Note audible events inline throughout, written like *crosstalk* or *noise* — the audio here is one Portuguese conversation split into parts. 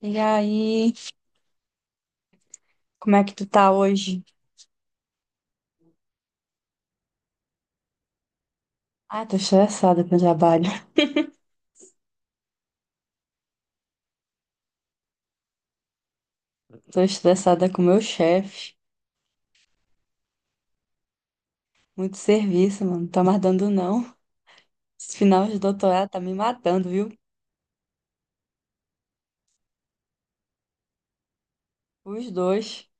E aí, como é que tu tá hoje? Ah, tô estressada com o trabalho. *laughs* Tô estressada com o meu chefe. Muito serviço, mano. Não tá mais dando, não. Esse final de doutorado tá me matando, viu? Os dois.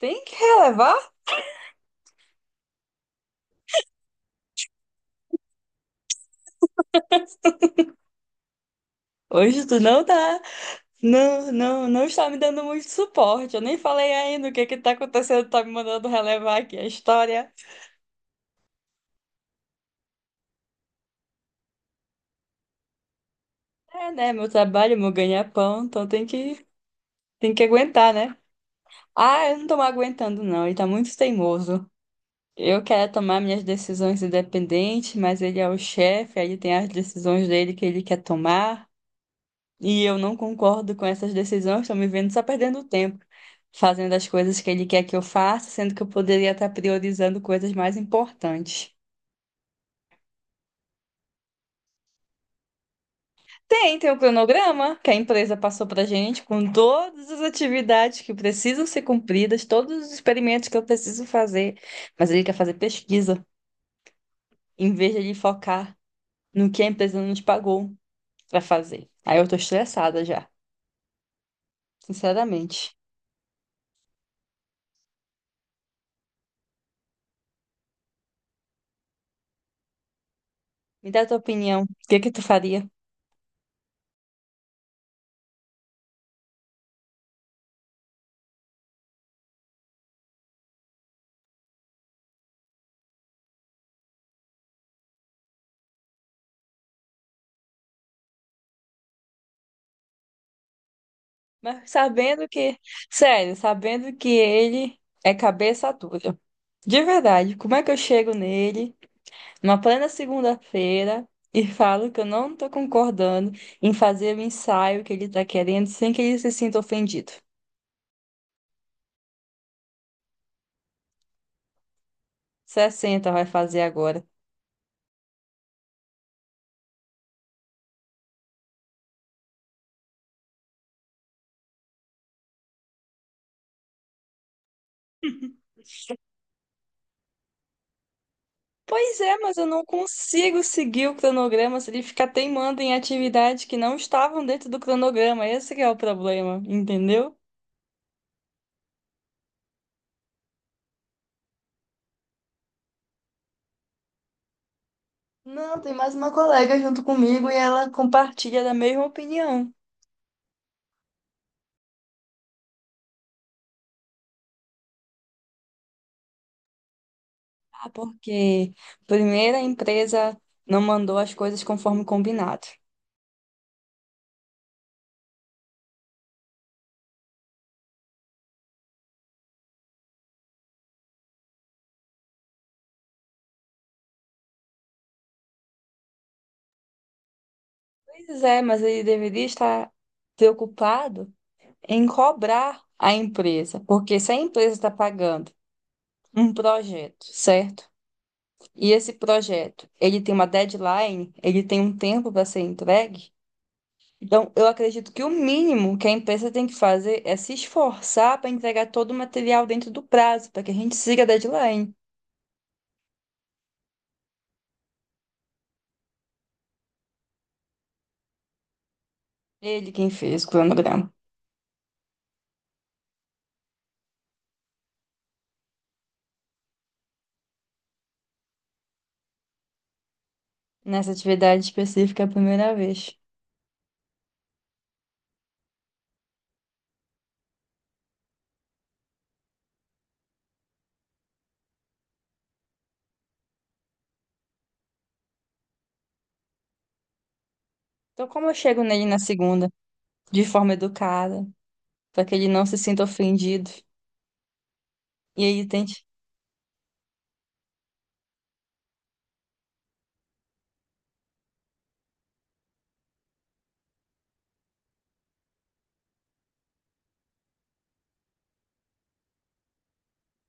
Tem que relevar? Hoje tu não tá. Não, não, não está me dando muito suporte. Eu nem falei ainda o que que tá acontecendo. Tá me mandando relevar aqui a história. É, né? Meu trabalho, meu ganha-pão. Então tem que aguentar, né? Ah, eu não tô mais aguentando, não. Ele tá muito teimoso. Eu quero tomar minhas decisões independente, mas ele é o chefe, aí ele tem as decisões dele que ele quer tomar, e eu não concordo com essas decisões, estou me vendo só perdendo tempo, fazendo as coisas que ele quer que eu faça, sendo que eu poderia estar priorizando coisas mais importantes. Tem o cronograma que a empresa passou pra gente, com todas as atividades que precisam ser cumpridas, todos os experimentos que eu preciso fazer, mas ele quer fazer pesquisa, em vez de ele focar no que a empresa não te pagou. Pra fazer. Aí eu tô estressada já, sinceramente. Me dá tua opinião, o que que tu faria? Mas sabendo que, sério, sabendo que ele é cabeça dura. De verdade, como é que eu chego nele numa plena segunda-feira e falo que eu não tô concordando em fazer o ensaio que ele tá querendo sem que ele se sinta ofendido? 60 vai fazer agora. *laughs* Pois é, mas eu não consigo seguir o cronograma se ele ficar teimando em atividades que não estavam dentro do cronograma. Esse que é o problema, entendeu? Não, tem mais uma colega junto comigo e ela Compartilha da mesma opinião. Ah, porque primeira a empresa não mandou as coisas conforme combinado. Pois é, mas ele deveria estar preocupado em cobrar a empresa, porque se a empresa está pagando um projeto, certo? E esse projeto, ele tem uma deadline, ele tem um tempo para ser entregue. Então, eu acredito que o mínimo que a empresa tem que fazer é se esforçar para entregar todo o material dentro do prazo, para que a gente siga a deadline. Ele quem fez o cronograma nessa atividade específica a primeira vez. Então, como eu chego nele na segunda, de forma educada, para que ele não se sinta ofendido, e ele tente.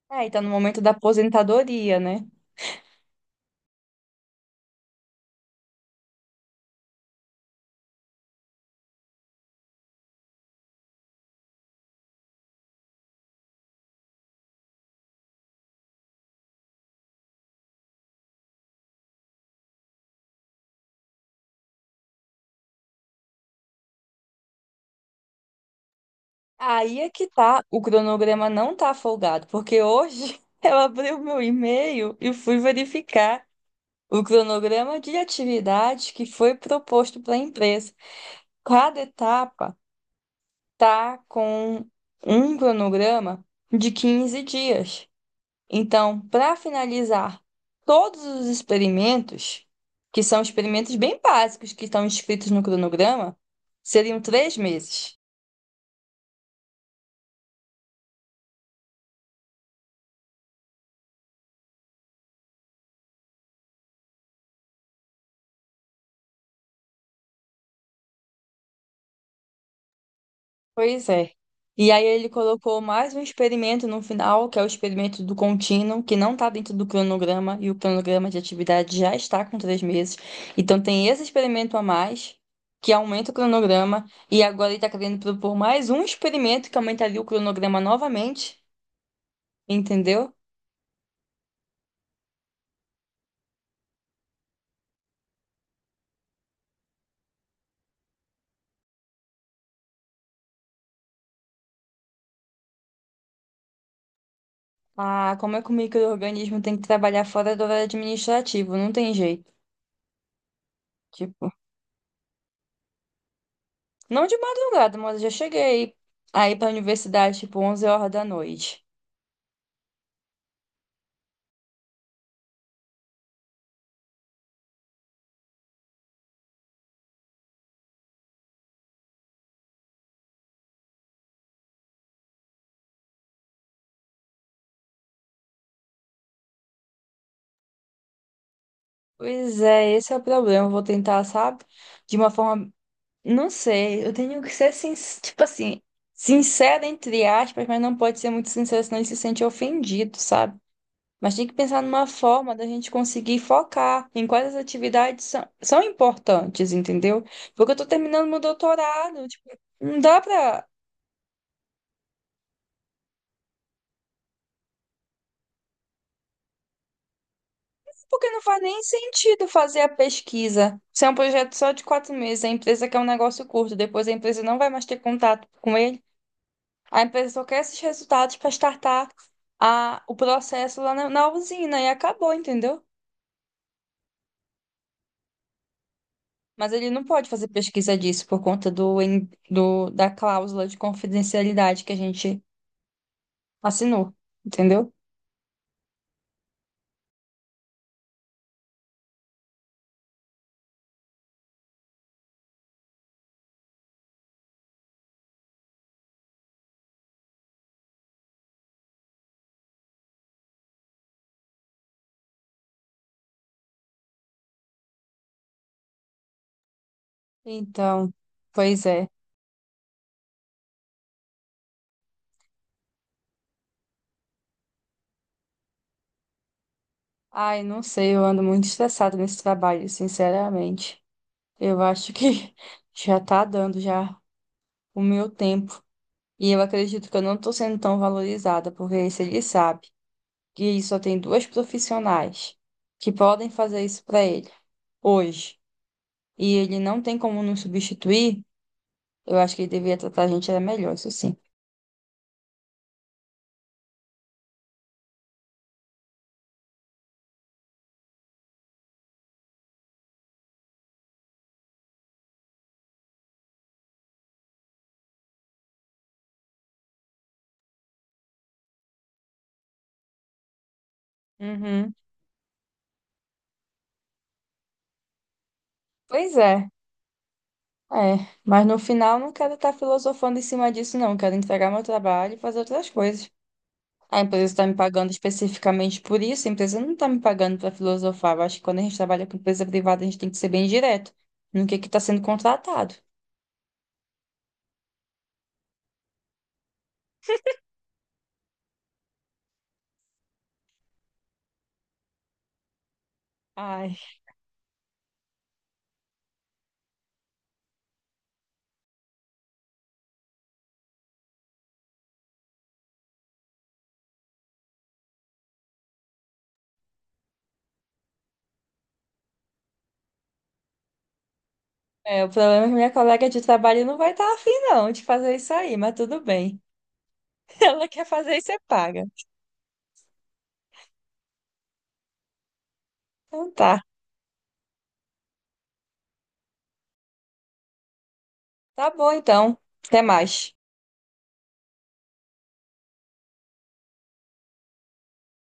É, e tá no momento da aposentadoria, né? Aí é que tá, o cronograma não tá folgado, porque hoje *laughs* eu abri o meu e-mail e fui verificar o cronograma de atividades que foi proposto para a empresa. Cada etapa tá com um cronograma de 15 dias. Então, para finalizar todos os experimentos, que são experimentos bem básicos que estão descritos no cronograma, seriam 3 meses. Pois é. E aí ele colocou mais um experimento no final, que é o experimento do contínuo, que não está dentro do cronograma, e o cronograma de atividade já está com 3 meses. Então tem esse experimento a mais, que aumenta o cronograma, e agora ele está querendo propor mais um experimento que aumentaria o cronograma novamente, entendeu? Ah, como é que o micro-organismo tem que trabalhar fora do horário administrativo? Não tem jeito. Tipo, não de madrugada, mas eu já cheguei aí para a universidade, tipo, 11 horas da noite. Pois é, esse é o problema. Eu vou tentar, sabe? De uma forma. Não sei, eu tenho que ser, tipo assim, sincera, entre aspas, mas não pode ser muito sincera, senão ele se sente ofendido, sabe? Mas tem que pensar numa forma da gente conseguir focar em quais as atividades são importantes, entendeu? Porque eu tô terminando meu doutorado, tipo, não dá pra. Porque não faz nem sentido fazer a pesquisa. Se é um projeto só de 4 meses, a empresa quer um negócio curto, depois a empresa não vai mais ter contato com ele. A empresa só quer esses resultados para startar o processo lá na usina e acabou, entendeu? Mas ele não pode fazer pesquisa disso por conta do, en- do da cláusula de confidencialidade que a gente assinou, entendeu? Então, pois é. Ai, não sei, eu ando muito estressada nesse trabalho, sinceramente. Eu acho que *laughs* já tá dando já o meu tempo. E eu acredito que eu não tô sendo tão valorizada, porque se ele sabe. Que só tem duas profissionais que podem fazer isso para ele hoje, e ele não tem como nos substituir, eu acho que ele deveria tratar a gente era melhor, isso sim. Uhum. Pois é. É, mas no final não quero estar filosofando em cima disso, não. Quero entregar meu trabalho e fazer outras coisas. A empresa está me pagando especificamente por isso, a empresa não está me pagando para filosofar. Eu acho que quando a gente trabalha com empresa privada, a gente tem que ser bem direto no que está sendo contratado. Ai. É, o problema é que minha colega de trabalho não vai estar afim, não, de fazer isso aí, mas tudo bem. *laughs* Ela quer fazer e você paga. Então tá. Tá bom, então. Até mais.